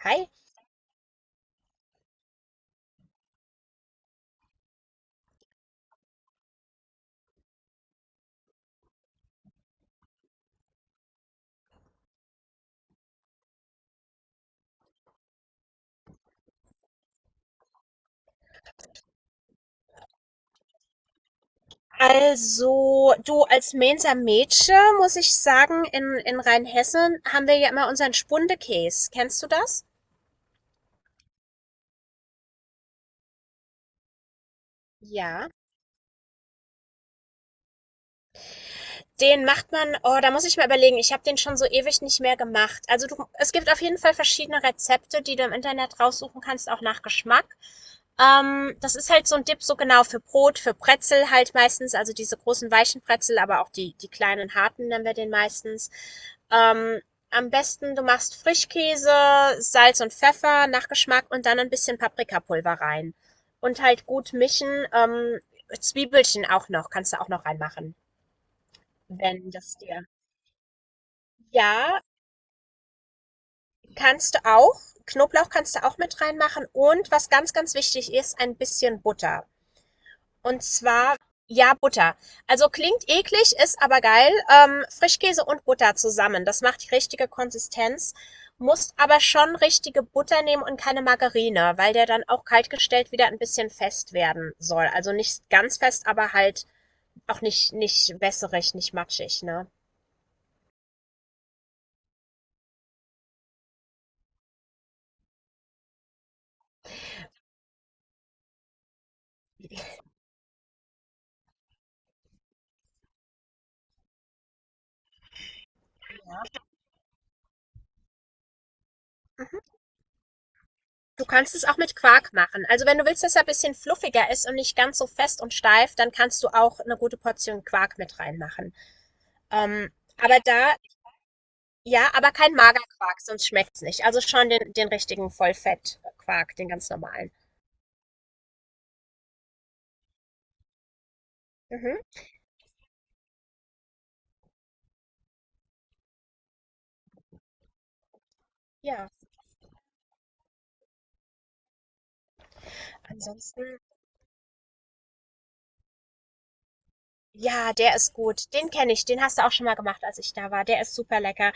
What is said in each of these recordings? Hi. Also, du, als Mainzer Mädchen muss ich sagen, in Rheinhessen haben wir ja immer unseren Spundekäs. Kennst du das? Ja. Den macht man, oh, da muss ich mal überlegen. Ich habe den schon so ewig nicht mehr gemacht. Also du, es gibt auf jeden Fall verschiedene Rezepte, die du im Internet raussuchen kannst, auch nach Geschmack. Das ist halt so ein Dip, so genau für Brot, für Brezel halt meistens, also diese großen weichen Brezel, aber auch die, die kleinen harten nennen wir den meistens. Ähm, Am besten, du machst Frischkäse, Salz und Pfeffer nach Geschmack und dann ein bisschen Paprikapulver rein. Und halt gut mischen. Zwiebelchen auch noch, kannst du auch noch reinmachen. Wenn das dir, ja, kannst du auch. Knoblauch kannst du auch mit reinmachen und was ganz, ganz wichtig ist, ein bisschen Butter. Und zwar, ja, Butter. Also klingt eklig, ist aber geil. Frischkäse und Butter zusammen. Das macht die richtige Konsistenz. Musst aber schon richtige Butter nehmen und keine Margarine, weil der dann auch kaltgestellt wieder ein bisschen fest werden soll. Also nicht ganz fest, aber halt auch nicht wässerig, nicht matschig, ne? Du kannst es auch mit Quark machen. Also wenn du willst, dass er ein bisschen fluffiger ist und nicht ganz so fest und steif, dann kannst du auch eine gute Portion Quark mit reinmachen. Aber da, ja, aber kein Magerquark, sonst schmeckt's nicht. Also schon den richtigen Vollfettquark, den ganz normalen. Mhm. Ja, ansonsten, ja, der ist gut. Den kenne ich. Den hast du auch schon mal gemacht, als ich da war. Der ist super lecker.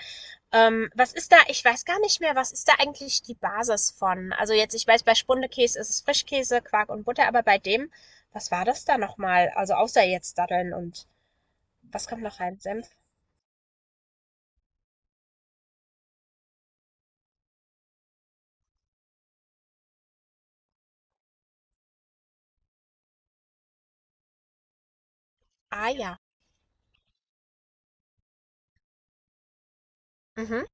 Was ist da Ich weiß gar nicht mehr, was ist da eigentlich die Basis von? Also jetzt, ich weiß, bei Spundekäse ist es Frischkäse, Quark und Butter, aber bei dem, was war das da nochmal? Also außer jetzt Datteln und was kommt noch rein? Senf? Ah ja. Mhm,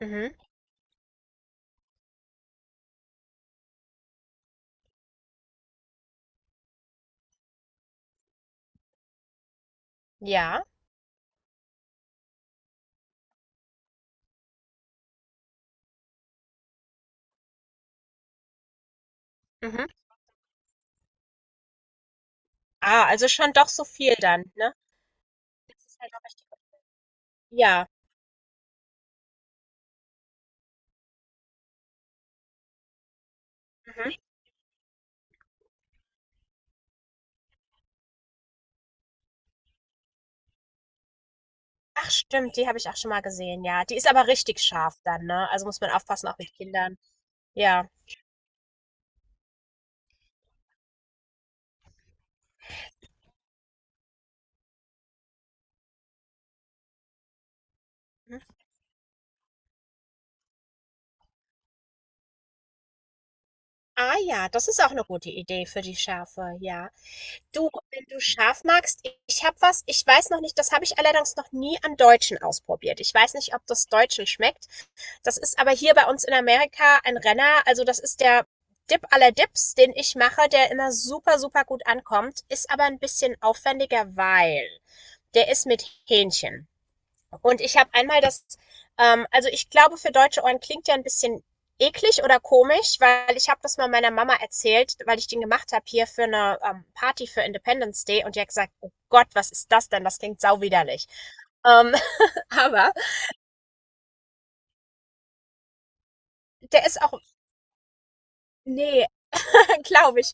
mhm, ja. Mhm. Ah, also schon doch so viel dann, ne? Das ist halt auch richtig. Ja. Mhm. Ach stimmt, die habe ich auch schon mal gesehen, ja. Die ist aber richtig scharf dann, ne? Also muss man aufpassen, auch mit Kindern. Ja. Mhm. Ah ja, das ist auch eine gute Idee für die Schärfe, ja. Du, wenn du scharf magst, ich habe was, ich weiß noch nicht, das habe ich allerdings noch nie an Deutschen ausprobiert. Ich weiß nicht, ob das Deutschen schmeckt. Das ist aber hier bei uns in Amerika ein Renner. Also das ist der Dip aller Dips, den ich mache, der immer super, super gut ankommt, ist aber ein bisschen aufwendiger, weil der ist mit Hähnchen. Und ich habe einmal das, also ich glaube, für deutsche Ohren klingt ja ein bisschen eklig oder komisch, weil ich habe das mal meiner Mama erzählt, weil ich den gemacht habe hier für eine Party für Independence Day und die hat gesagt, oh Gott, was ist das denn? Das klingt sauwiderlich. Ähm, aber der ist auch, nee, glaube ich.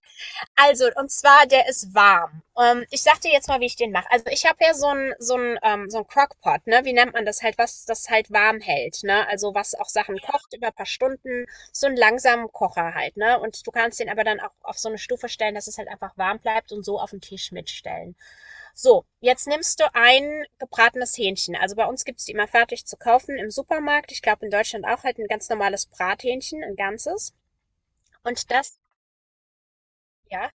Also, und zwar, der ist warm. Ich sag dir jetzt mal, wie ich den mache. Also, ich habe ja so ein Crock-Pot, ne? Wie nennt man das halt? Was das halt warm hält, ne? Also, was auch Sachen kocht über ein paar Stunden. So einen langsamen Kocher halt, ne? Und du kannst den aber dann auch auf so eine Stufe stellen, dass es halt einfach warm bleibt und so auf den Tisch mitstellen. So, jetzt nimmst du ein gebratenes Hähnchen. Also, bei uns gibt's die immer fertig zu kaufen im Supermarkt. Ich glaube, in Deutschland auch halt ein ganz normales Brathähnchen, ein ganzes. Und das, ja.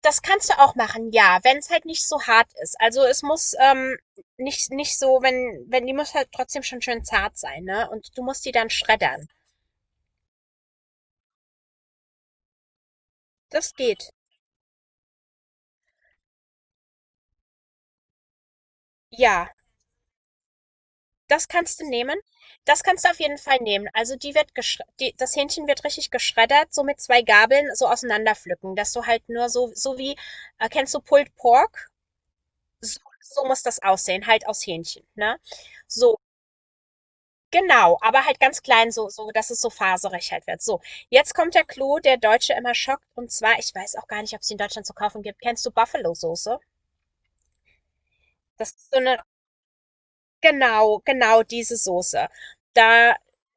Das kannst du auch machen, ja, wenn es halt nicht so hart ist. Also, es muss, nicht so, wenn die muss halt trotzdem schon schön zart sein, ne? Und du musst die dann schreddern. Das geht. Ja, das kannst du nehmen. Das kannst du auf jeden Fall nehmen. Also, die wird geschre die das Hähnchen wird richtig geschreddert, so mit 2 Gabeln so auseinanderpflücken, dass du halt nur so wie kennst du Pulled Pork? So muss das aussehen, halt aus Hähnchen, ne? So, genau, aber halt ganz klein, so dass es so faserig halt wird. So, jetzt kommt der Clou, der Deutsche immer schockt. Und zwar, ich weiß auch gar nicht, ob es in Deutschland zu kaufen gibt. Kennst du Buffalo-Soße? Das ist so eine, genau, genau diese Soße. Da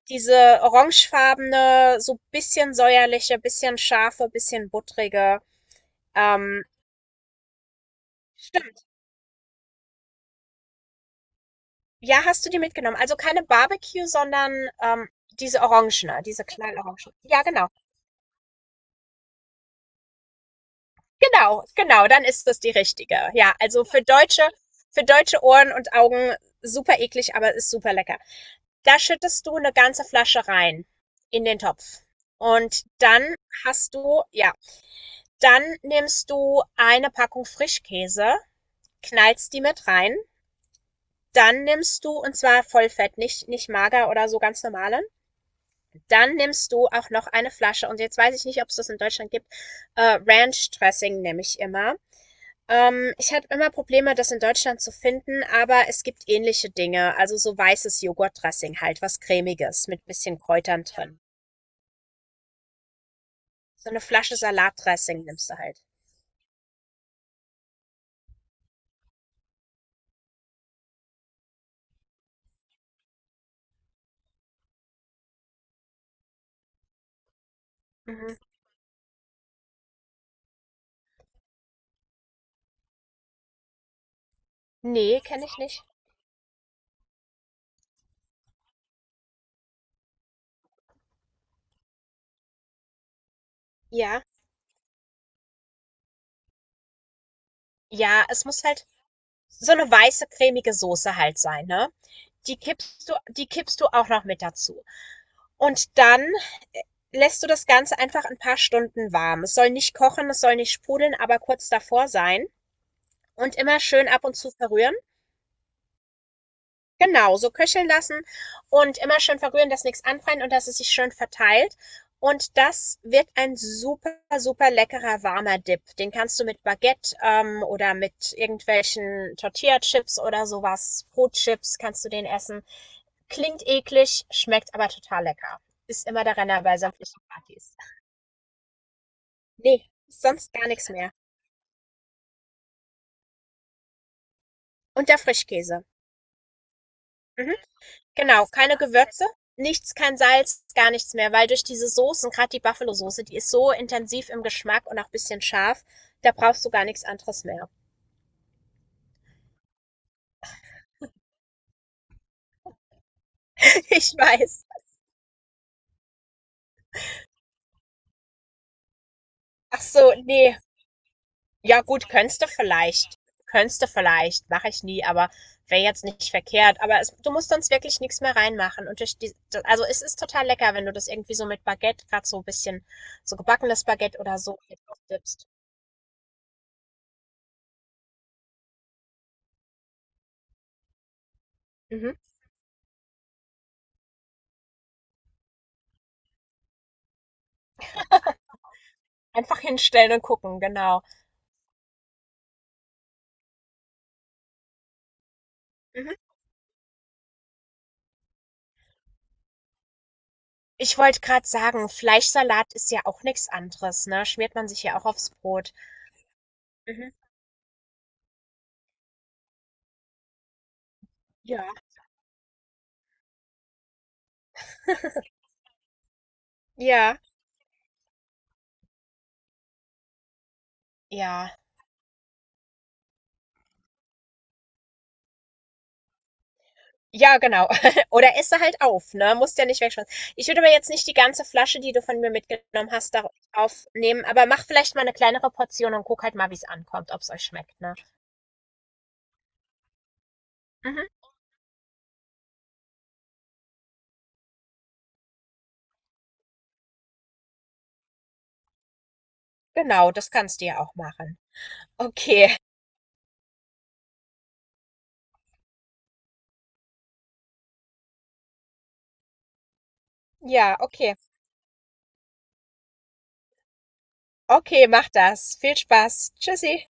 diese orangefarbene, so bisschen säuerliche, bisschen scharfe, bisschen buttrige. Ähm, stimmt. Ja, hast du die mitgenommen? Also keine Barbecue, sondern ähm, diese orangene, diese knallorange. Ja, genau. Genau, genau, dann ist das die richtige. Ja, also für deutsche Ohren und Augen super eklig, aber ist super lecker. Da schüttest du eine ganze Flasche rein in den Topf. Und dann hast du, ja, dann nimmst du eine Packung Frischkäse, knallst die mit rein. Dann nimmst du, und zwar Vollfett, nicht mager oder so, ganz normalen. Dann nimmst du auch noch eine Flasche, und jetzt weiß ich nicht, ob es das in Deutschland gibt, Ranch Dressing nehme ich immer. Ich hatte immer Probleme, das in Deutschland zu finden, aber es gibt ähnliche Dinge. Also so weißes Joghurtdressing halt, was Cremiges mit bisschen Kräutern drin. So eine Flasche Salatdressing nimmst du halt. Mhm. Nee, kenne ich nicht. Ja. Ja, es muss halt so eine weiße, cremige Soße halt sein, ne? Die kippst du auch noch mit dazu. Und dann äh, lässt du das Ganze einfach ein paar Stunden warm. Es soll nicht kochen, es soll nicht sprudeln, aber kurz davor sein. Und immer schön ab und zu verrühren. Genau, so köcheln lassen und immer schön verrühren, dass nichts anbrennt und dass es sich schön verteilt. Und das wird ein super, super leckerer warmer Dip. Den kannst du mit Baguette oder mit irgendwelchen Tortilla-Chips oder sowas, Brotchips kannst du den essen. Klingt eklig, schmeckt aber total lecker. Ist immer der Renner bei sämtlichen Partys. Nee, sonst gar nichts mehr. Und der Frischkäse. Mhm. Genau, keine Gewürze, nichts, kein Salz, gar nichts mehr, weil durch diese Soßen, gerade die Buffalo-Soße, die ist so intensiv im Geschmack und auch ein bisschen scharf, da brauchst du gar nichts anderes mehr. Ich weiß. Ach so, nee, ja gut, könntest du vielleicht. Könntest du vielleicht, mache ich nie, aber wäre jetzt nicht verkehrt. Aber es, du musst sonst wirklich nichts mehr reinmachen. Und durch die, also es ist total lecker, wenn du das irgendwie so mit Baguette, gerade so ein bisschen so gebackenes Baguette oder so mit aufdippst. Mhm. Einfach hinstellen und gucken, genau. Mhm. Ich wollte gerade sagen, Fleischsalat ist ja auch nichts anderes, ne? Schmiert man sich ja auch aufs Brot. Mhm. Ja. Ja. Ja. Ja, genau. Oder esse halt auf, ne? Musst ja nicht wegschmeißen. Ich würde mir jetzt nicht die ganze Flasche, die du von mir mitgenommen hast, darauf aufnehmen, aber mach vielleicht mal eine kleinere Portion und guck halt mal, wie es ankommt, ob es euch schmeckt, ne? Mhm. Genau, das kannst du ja auch machen. Okay. Ja, okay. Okay, mach das. Viel Spaß. Tschüssi.